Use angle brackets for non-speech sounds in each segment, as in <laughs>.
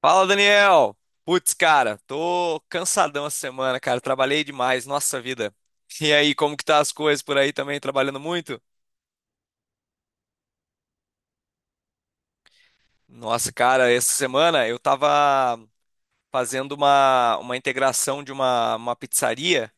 Fala, Daniel! Putz, cara, tô cansadão essa semana, cara. Trabalhei demais, nossa vida. E aí, como que tá as coisas por aí também, trabalhando muito? Nossa, cara, essa semana eu tava fazendo uma integração de uma pizzaria,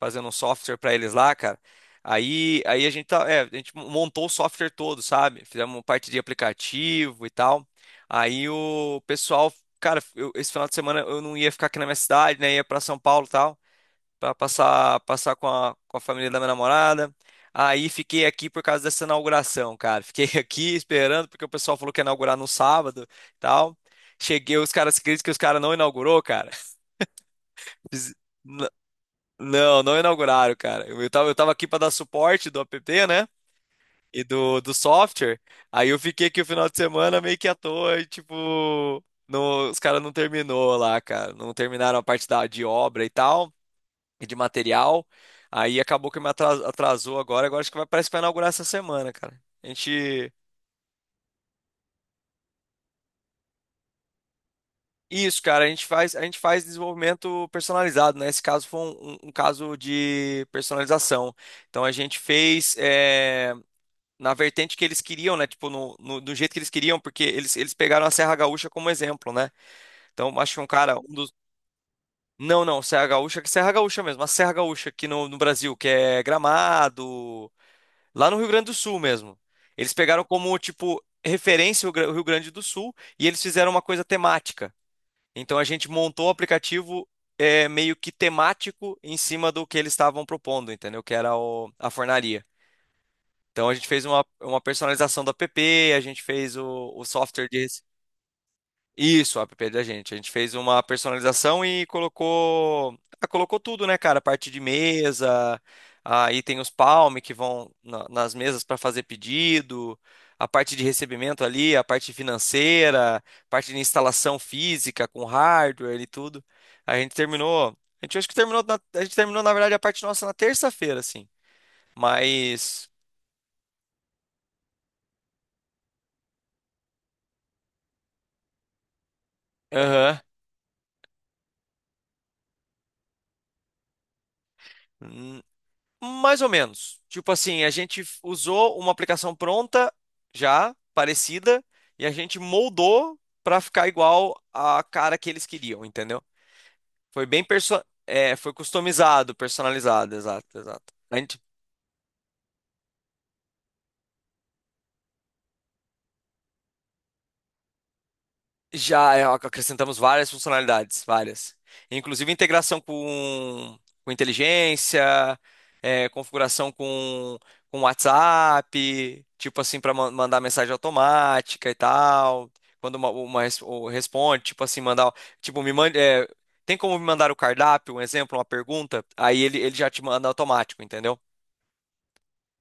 fazendo um software pra eles lá, cara. Aí, a gente montou o software todo, sabe? Fizemos parte de aplicativo e tal. Aí o pessoal, cara, esse final de semana eu não ia ficar aqui na minha cidade, né? Ia pra São Paulo e tal. Para passar com a família da minha namorada. Aí fiquei aqui por causa dessa inauguração, cara. Fiquei <laughs> aqui esperando porque o pessoal falou que ia inaugurar no sábado e tal. Cheguei, os caras acreditam que os caras não inaugurou, cara. <laughs> Fiz- N- Não, não inauguraram, cara. Eu tava aqui para dar suporte do app, né? E do software. Aí eu fiquei aqui o final de semana meio que à toa e tipo, os caras não terminou lá, cara. Não terminaram a parte de obra e tal e de material. Aí acabou que me atrasou agora. Agora acho que vai, parece que vai inaugurar essa semana, cara. A gente. Isso, cara, a gente faz desenvolvimento personalizado, né? Esse caso foi um caso de personalização. Então a gente fez na vertente que eles queriam, né? Tipo, do jeito que eles queriam, porque eles pegaram a Serra Gaúcha como exemplo, né? Então acho que um cara, um dos. Não, não, Serra Gaúcha, que Serra Gaúcha mesmo, a Serra Gaúcha aqui no Brasil, que é Gramado. Lá no Rio Grande do Sul mesmo. Eles pegaram como, tipo, referência o Rio Grande do Sul e eles fizeram uma coisa temática. Então a gente montou o aplicativo meio que temático em cima do que eles estavam propondo, entendeu? Que era a fornaria. Então a gente fez uma personalização do app, a gente fez o software de. Isso, o app da gente. A gente fez uma personalização e colocou, ah, colocou tudo, né, cara? Parte de mesa, aí tem os palme que vão nas mesas para fazer pedido, a parte de recebimento ali, a parte financeira, parte de instalação física com hardware e tudo. A gente terminou, a gente terminou na verdade a parte nossa na terça-feira, assim. Mas, aham. Mais ou menos. Tipo assim, a gente usou uma aplicação pronta, já parecida, e a gente moldou para ficar igual à cara que eles queriam, entendeu? Foi bem perso é, foi customizado, personalizado, exato, exato. Já acrescentamos várias funcionalidades, várias. Inclusive integração com inteligência, configuração com WhatsApp, tipo assim, para mandar mensagem automática e tal. Quando uma ou responde, tipo assim, mandar. Tipo, me mande. Tem como me mandar o cardápio, um exemplo, uma pergunta? Aí ele já te manda automático, entendeu?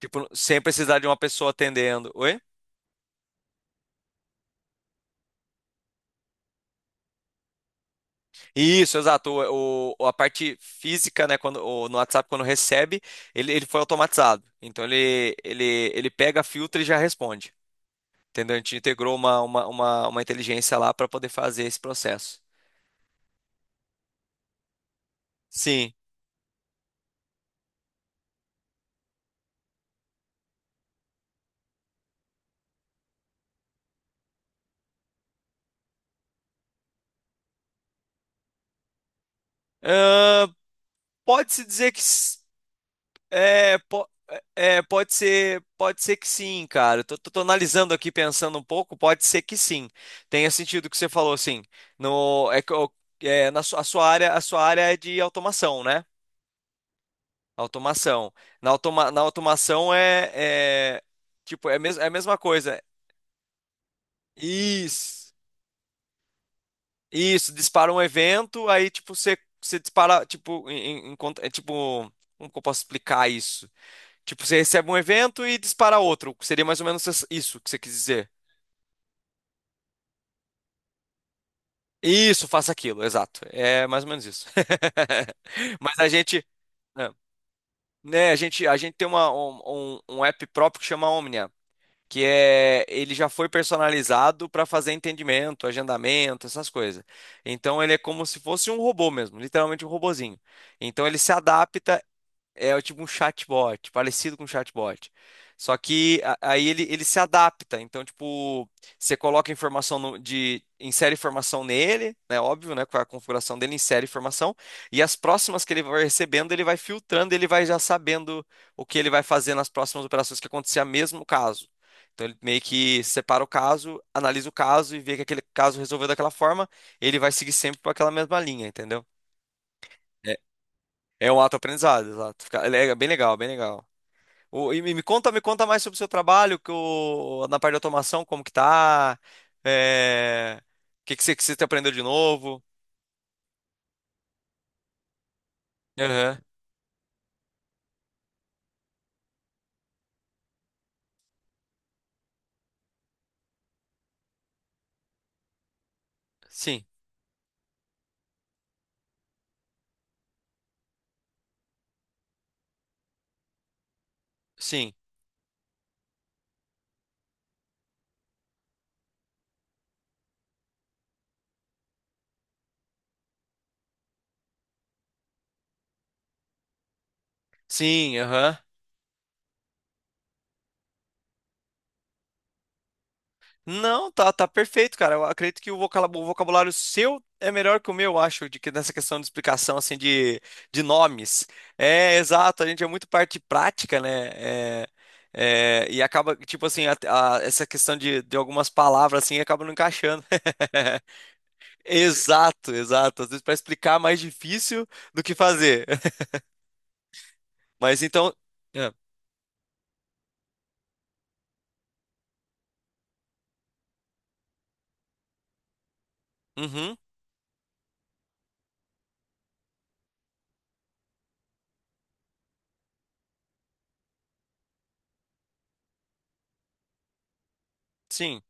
Tipo, sem precisar de uma pessoa atendendo. Oi? Isso, exato. A parte física, né, quando, no WhatsApp, quando recebe, ele foi automatizado. Então ele pega, filtra e já responde. Entendeu? A gente integrou uma inteligência lá para poder fazer esse processo. Sim. Ahn, pode-se dizer que é, po- pode ser que sim, cara. Eu tô analisando aqui, pensando um pouco, pode ser que sim. Tenha sentido o que você falou, assim. No, é, que eu- é, na sua, a sua área é de automação, né? Automação. Na automação é, é tipo, é, mes é a mesma coisa. Isso. Isso, dispara um evento, aí tipo você dispara, tipo, tipo, como que eu posso explicar isso? Tipo, você recebe um evento e dispara outro. Seria mais ou menos isso que você quis dizer. Isso, faça aquilo, exato. É mais ou menos isso. <laughs> Mas a gente, é, né, a gente tem uma, um, um um app próprio que chama Omnia, que é ele já foi personalizado para fazer entendimento, agendamento, essas coisas. Então ele é como se fosse um robô mesmo, literalmente um robozinho. Então ele se adapta. É tipo um chatbot, parecido com um chatbot. Só que aí ele se adapta. Então, tipo, você coloca informação no- de. Insere informação nele, né? Óbvio, né? Com a configuração dele, insere informação. E as próximas que ele vai recebendo, ele vai filtrando, ele vai já sabendo o que ele vai fazer nas próximas operações que acontecer a mesmo caso. Então ele meio que separa o caso, analisa o caso e vê que aquele caso resolveu daquela forma, ele vai seguir sempre por aquela mesma linha, entendeu? É, é um auto-aprendizado, exato. É bem legal, bem legal. E me conta mais sobre o seu trabalho, que na parte de automação, como que tá? É, o que que você aprendeu de novo? Aham. Sim, sim, sim, aham. Não, tá perfeito, cara. Eu acredito que o o vocabulário seu é melhor que o meu, eu acho, de que nessa questão de explicação, assim, de nomes. É, exato, a gente é muito parte prática, né? É, acaba, tipo assim, essa questão de algumas palavras, assim, acaba não encaixando. <laughs> Exato, exato. Às vezes para explicar é mais difícil do que fazer. <laughs> Mas então. é, Uhum, sim.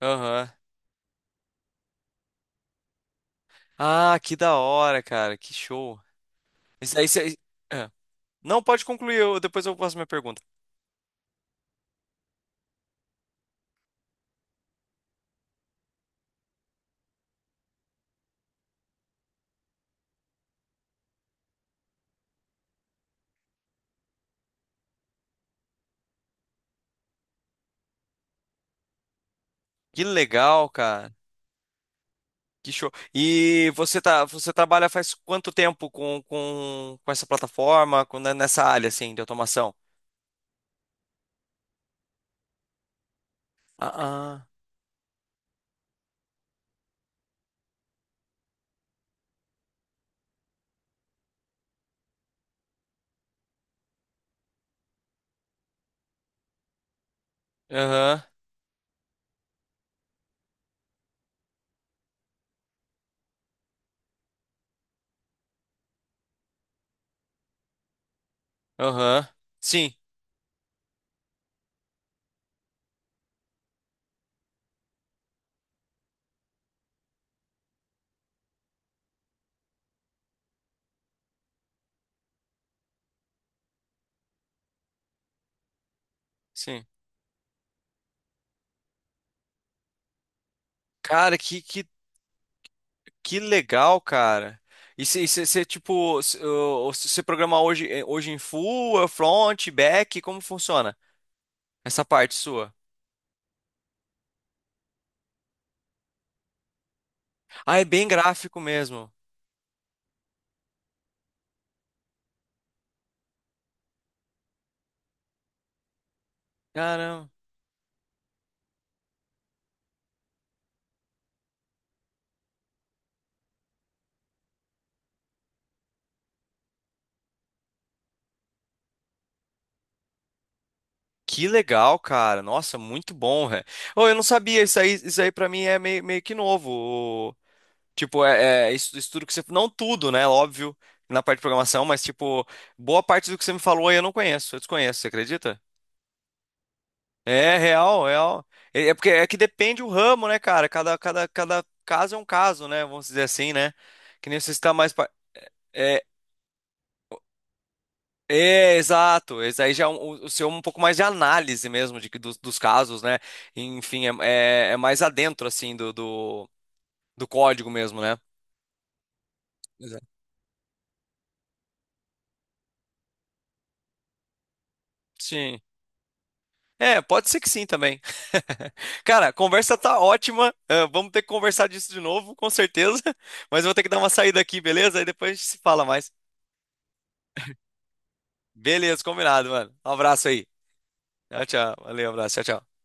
Aham. Ah, que da hora, cara. Que show. Isso aí, É. Não, pode concluir, depois eu faço minha pergunta. Que legal, cara. Que show. E você trabalha faz quanto tempo com essa plataforma, né, nessa área assim de automação? Ah, ah. Aham, aham. Sim, sim. Cara, que legal, cara. E você, tipo, você programar hoje, hoje, em full, front, back, como funciona essa parte sua? Ah, é bem gráfico mesmo. Caramba. Que legal, cara. Nossa, muito bom, velho. Oh, eu não sabia, isso aí pra mim é meio, meio que novo. O- Tipo, é isso, isso tudo que você... Não tudo, né? Óbvio, na parte de programação, mas, tipo, boa parte do que você me falou aí eu não conheço. Eu desconheço, você acredita? É real, real. É porque é que depende o ramo, né, cara? Cada caso é um caso, né? Vamos dizer assim, né? Que nem você está mais. É, exato. Esse aí já é o seu é um pouco mais de análise mesmo dos casos, né? Enfim, é mais adentro, assim, do código mesmo, né? Exato. Sim. É, pode ser que sim também. <laughs> Cara, a conversa tá ótima. Ah, vamos ter que conversar disso de novo, com certeza. <laughs> Mas eu vou ter que dar uma saída aqui, beleza? Aí depois a gente se fala mais. Beleza, combinado, mano. Um abraço aí. Tchau, tchau. Valeu, um abraço. Tchau, tchau.